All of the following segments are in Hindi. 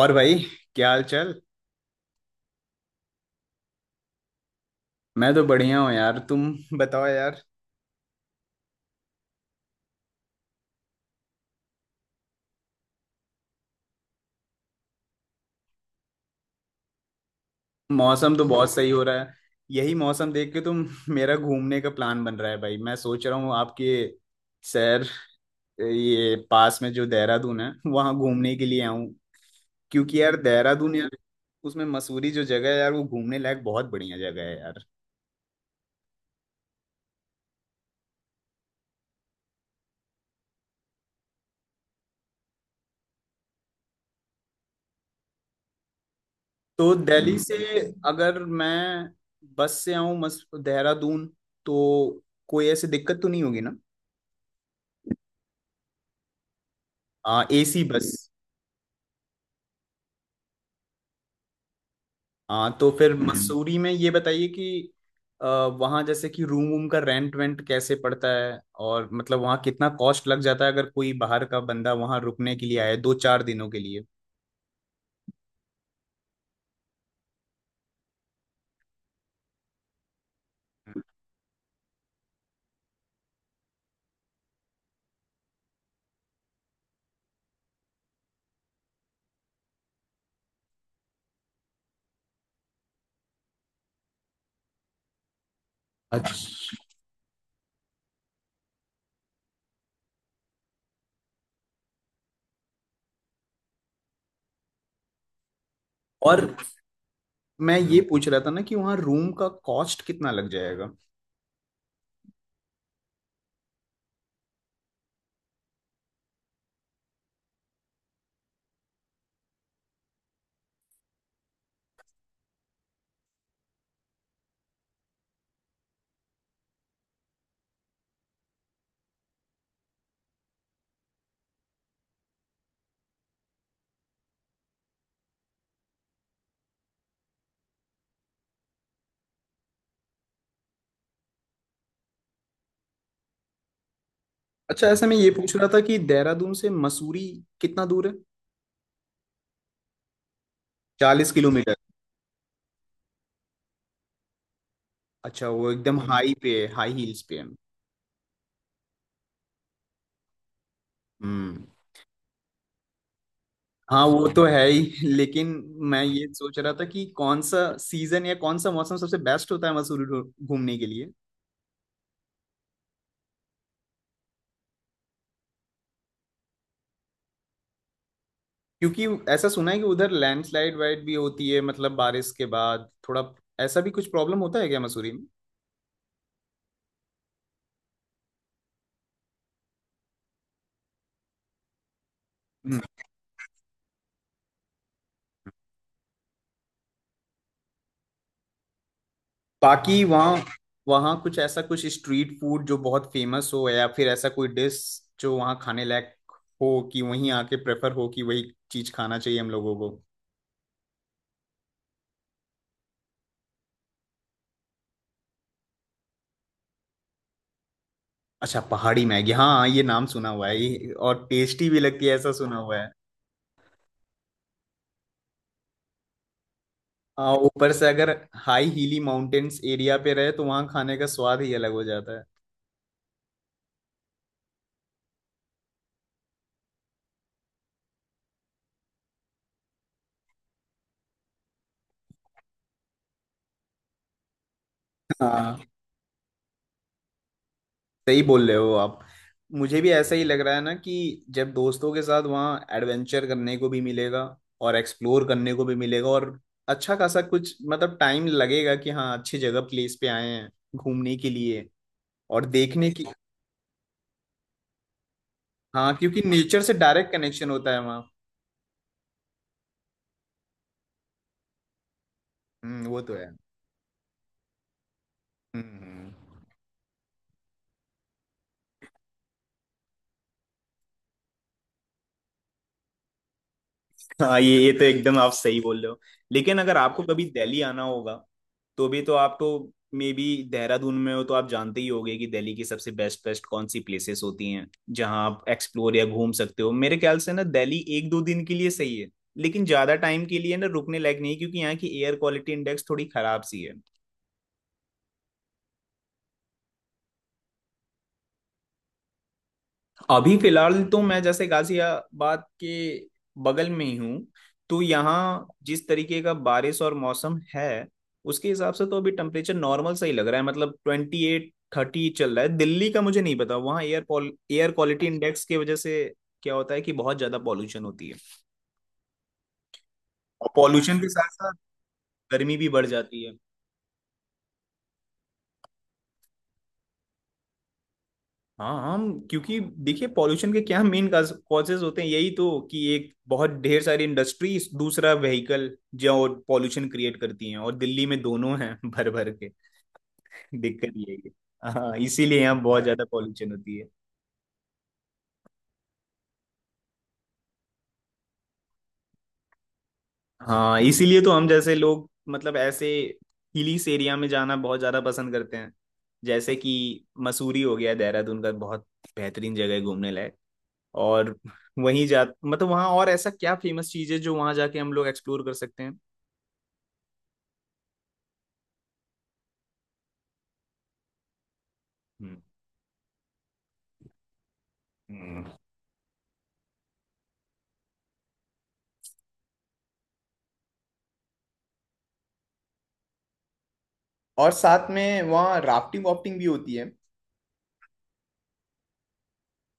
और भाई, क्या हाल चाल। मैं तो बढ़िया हूँ यार। तुम बताओ यार। मौसम तो बहुत सही हो रहा है। यही मौसम देख के तुम मेरा घूमने का प्लान बन रहा है भाई। मैं सोच रहा हूँ आपके शहर, ये पास में जो देहरादून है वहाँ घूमने के लिए आऊँ। क्योंकि यार देहरादून यार, उसमें मसूरी जो जगह है यार, वो घूमने लायक बहुत बढ़िया जगह है यार। तो दिल्ली से अगर मैं बस से आऊँ मस देहरादून तो कोई ऐसी दिक्कत तो नहीं होगी ना। AC bus. हाँ तो फिर मसूरी में ये बताइए कि अ, वहाँ जैसे कि रूम वूम का रेंट वेंट कैसे पड़ता है, और मतलब वहाँ कितना कॉस्ट लग जाता है अगर कोई बाहर का बंदा वहाँ रुकने के लिए आए दो चार दिनों के लिए। अच्छा। और मैं ये पूछ रहा था ना कि वहाँ रूम का कॉस्ट कितना लग जाएगा। अच्छा, ऐसे मैं ये पूछ रहा था कि देहरादून से मसूरी कितना दूर है। 40 किलोमीटर। अच्छा, वो एकदम हाई पे है, हाई हील्स पे है। हम्म। हाँ वो तो है ही, लेकिन मैं ये सोच रहा था कि कौन सा सीजन या कौन सा मौसम सबसे बेस्ट होता है मसूरी घूमने के लिए। क्योंकि ऐसा सुना है कि उधर लैंडस्लाइड वाइड भी होती है, मतलब बारिश के बाद थोड़ा ऐसा भी कुछ प्रॉब्लम होता है क्या मसूरी में। हम्म। बाकी वहाँ, वहाँ कुछ ऐसा कुछ स्ट्रीट फूड जो बहुत फेमस हो, या फिर ऐसा कोई डिश जो वहाँ खाने लायक हो कि वहीं आके प्रेफर हो कि वही चीज खाना चाहिए हम लोगों को। अच्छा, पहाड़ी मैगी, हाँ ये नाम सुना हुआ है और टेस्टी भी लगती है, ऐसा सुना हुआ है। हाँ, ऊपर से अगर हाई हीली माउंटेन्स एरिया पे रहे तो वहाँ खाने का स्वाद ही अलग हो जाता है। हाँ, सही बोल रहे हो आप। मुझे भी ऐसा ही लग रहा है ना कि जब दोस्तों के साथ वहाँ एडवेंचर करने को भी मिलेगा और एक्सप्लोर करने को भी मिलेगा, और अच्छा खासा कुछ मतलब टाइम लगेगा कि हाँ अच्छी जगह प्लेस पे आए हैं घूमने के लिए और देखने की। हाँ, क्योंकि नेचर से डायरेक्ट कनेक्शन होता है वहाँ। वो तो है। हम्म। हम्म। हाँ ये तो एकदम आप सही बोल रहे हो। लेकिन अगर आपको कभी दिल्ली आना होगा तो भी तो आप तो, मे बी देहरादून में हो तो आप जानते ही होंगे कि दिल्ली की सबसे बेस्ट बेस्ट कौन सी प्लेसेस होती हैं जहां आप एक्सप्लोर या घूम सकते हो। मेरे ख्याल से ना दिल्ली एक दो दिन के लिए सही है, लेकिन ज्यादा टाइम के लिए ना रुकने लायक नहीं है, क्योंकि यहाँ की एयर क्वालिटी इंडेक्स थोड़ी खराब सी है। अभी फिलहाल तो मैं जैसे गाजियाबाद के बगल में ही हूँ, तो यहाँ जिस तरीके का बारिश और मौसम है, उसके हिसाब से तो अभी टेम्परेचर नॉर्मल सा ही लग रहा है, मतलब 28 30 चल रहा है। दिल्ली का मुझे नहीं पता, वहाँ एयर एयर क्वालिटी इंडेक्स की वजह से क्या होता है कि बहुत ज्यादा पॉल्यूशन होती है। और पॉल्यूशन के साथ साथ गर्मी भी बढ़ जाती है। हाँ हम, क्योंकि देखिए पॉल्यूशन के क्या मेन कॉजेज होते हैं, यही तो कि एक बहुत ढेर सारी इंडस्ट्री, दूसरा व्हीकल जो पॉल्यूशन क्रिएट करती हैं, और दिल्ली में दोनों हैं भर भर के। दिक्कत यही है। हाँ, इसीलिए यहाँ बहुत ज्यादा पॉल्यूशन होती है। हाँ, इसीलिए तो हम जैसे लोग मतलब ऐसे हिलीस एरिया में जाना बहुत ज्यादा पसंद करते हैं, जैसे कि मसूरी हो गया, देहरादून का बहुत बेहतरीन जगह है घूमने लायक। और वहीं जा मतलब वहाँ और ऐसा क्या फेमस चीज है जो वहाँ जाके हम लोग एक्सप्लोर कर सकते हैं। हम्म। हम्म। और साथ में वहाँ राफ्टिंग वाफ्टिंग भी होती है।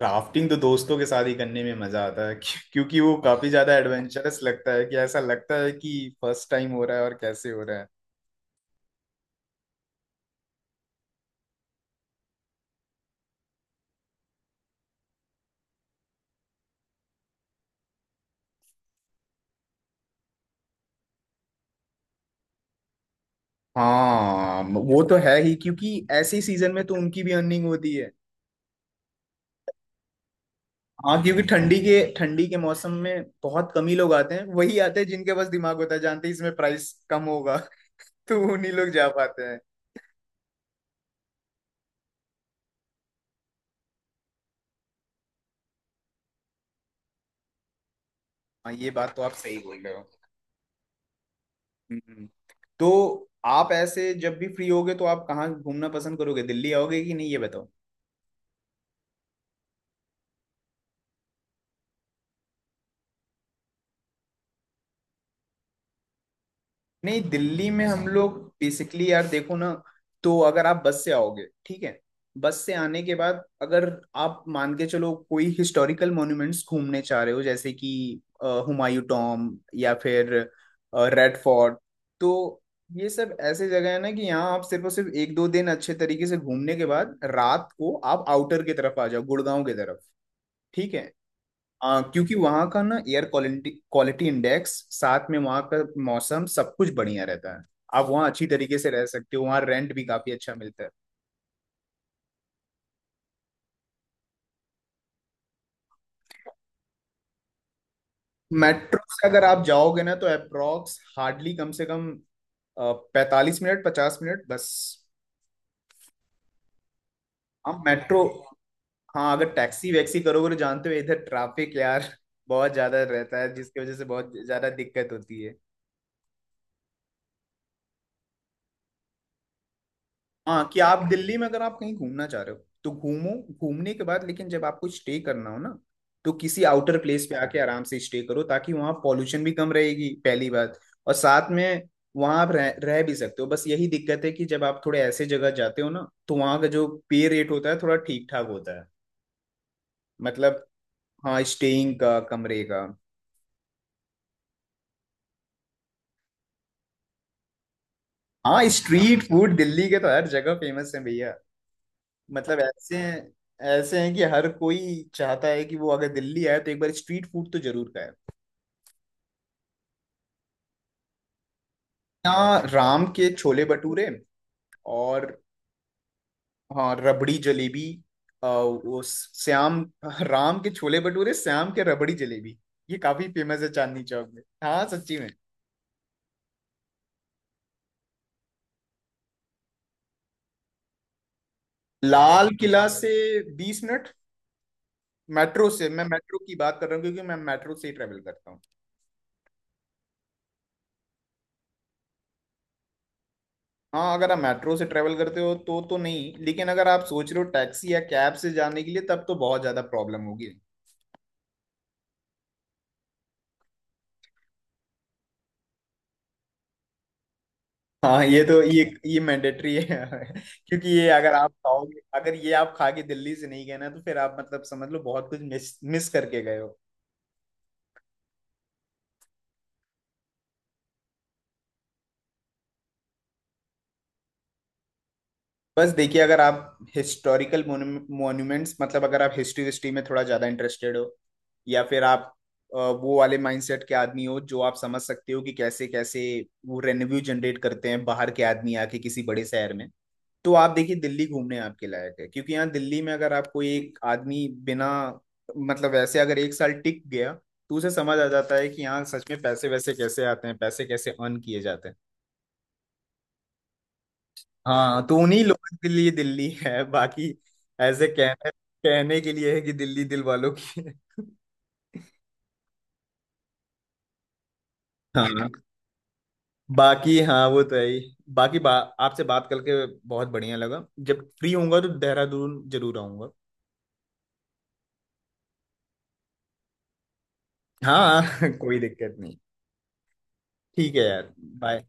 राफ्टिंग तो दोस्तों के साथ ही करने में मजा आता है क्योंकि वो काफी ज्यादा एडवेंचरस लगता है, कि ऐसा लगता है कि फर्स्ट टाइम हो रहा है और कैसे हो रहा है। हाँ वो तो है ही, क्योंकि ऐसे सीजन में तो उनकी भी अर्निंग होती है। हाँ, क्योंकि ठंडी के मौसम में बहुत कम ही लोग आते हैं, वही आते हैं जिनके पास दिमाग होता है, जानते हैं इसमें प्राइस कम होगा तो उन्हीं लोग जा पाते हैं। हाँ ये बात तो आप सही बोल रहे हो। हम्म। तो आप ऐसे जब भी फ्री होगे तो आप कहाँ घूमना पसंद करोगे, दिल्ली आओगे कि नहीं, ये बताओ। नहीं, दिल्ली में हम लोग बेसिकली यार देखो ना, तो अगर आप बस से आओगे, ठीक है, बस से आने के बाद अगर आप मान के चलो कोई हिस्टोरिकल मॉन्यूमेंट्स घूमने चाह रहे हो, जैसे कि हुमायूं टॉम, या फिर रेड फोर्ट, तो ये सब ऐसे जगह है ना कि यहाँ आप सिर्फ और सिर्फ एक दो दिन अच्छे तरीके से घूमने के बाद रात को आप आउटर की तरफ आ जाओ, गुड़गांव की तरफ। ठीक है, क्योंकि वहाँ का ना एयर क्वालिटी क्वालिटी इंडेक्स, साथ में वहाँ का मौसम सब कुछ बढ़िया रहता है, आप वहाँ अच्छी तरीके से रह सकते हो, वहाँ रेंट भी काफी अच्छा मिलता है। मेट्रो से अगर आप जाओगे ना तो अप्रोक्स हार्डली कम से कम 45 मिनट 50 मिनट बस। हम मेट्रो। हाँ अगर टैक्सी वैक्सी करोगे तो जानते हो इधर ट्रैफिक यार बहुत ज्यादा रहता है, जिसकी वजह से बहुत ज्यादा दिक्कत होती है। हाँ, कि आप दिल्ली में अगर आप कहीं घूमना चाह रहे हो तो घूमो, घूमने के बाद लेकिन जब आपको स्टे करना हो ना तो किसी आउटर प्लेस पे आके आराम से स्टे करो, ताकि वहाँ पॉल्यूशन भी कम रहेगी पहली बात, और साथ में वहाँ आप रह भी सकते हो। बस यही दिक्कत है कि जब आप थोड़े ऐसे जगह जाते हो ना तो वहाँ का जो पे रेट होता है थोड़ा ठीक ठाक होता है। मतलब, हाँ स्टेइंग का, कमरे का। हाँ, स्ट्रीट फूड दिल्ली के तो हर जगह फेमस है भैया। मतलब ऐसे हैं, ऐसे हैं कि हर कोई चाहता है कि वो अगर दिल्ली आए तो एक बार स्ट्रीट फूड तो जरूर खाए। यहाँ राम के छोले भटूरे, और हाँ, रबड़ी जलेबी, वो श्याम, राम के छोले भटूरे, श्याम के रबड़ी जलेबी, ये काफी फेमस है चांदनी चौक में। हाँ सच्ची में। लाल किला से 20 मिनट मेट्रो से। मैं मेट्रो की बात कर रहा हूँ, क्योंकि मैं मेट्रो से ही ट्रेवल करता हूँ। हाँ अगर आप मेट्रो से ट्रेवल करते हो तो नहीं, लेकिन अगर आप सोच रहे हो टैक्सी या कैब से जाने के लिए, तब तो बहुत ज्यादा प्रॉब्लम होगी। हाँ ये तो, ये मैंडेटरी है। क्योंकि ये अगर आप खाओगे, अगर ये आप खा के दिल्ली से नहीं गए ना, तो फिर आप मतलब समझ लो बहुत कुछ मिस मिस करके गए हो। बस देखिए अगर आप हिस्टोरिकल मॉन्यूमेंट्स, मतलब अगर आप हिस्ट्री हिस्ट्री में थोड़ा ज़्यादा इंटरेस्टेड हो, या फिर आप वो वाले माइंडसेट के आदमी हो, जो आप समझ सकते हो कि कैसे कैसे वो रेवेन्यू जनरेट करते हैं बाहर के आदमी आके किसी बड़े शहर में, तो आप देखिए दिल्ली घूमने आपके लायक है। क्योंकि यहाँ दिल्ली में अगर आप कोई एक आदमी बिना, मतलब वैसे अगर एक साल टिक गया तो उसे समझ आ जाता है कि यहाँ सच में पैसे वैसे कैसे आते हैं, पैसे कैसे अर्न किए जाते हैं। हाँ तो उन्हीं लोगों के लिए दिल्ली है, बाकी ऐसे कहने कहने के लिए है कि दिल्ली दिल वालों की है। हाँ, बाकी हाँ वो तो है ही। बाकी आपसे बात करके बहुत बढ़िया लगा, जब फ्री होऊंगा तो देहरादून जरूर आऊंगा। हाँ कोई दिक्कत नहीं। ठीक है यार, बाय।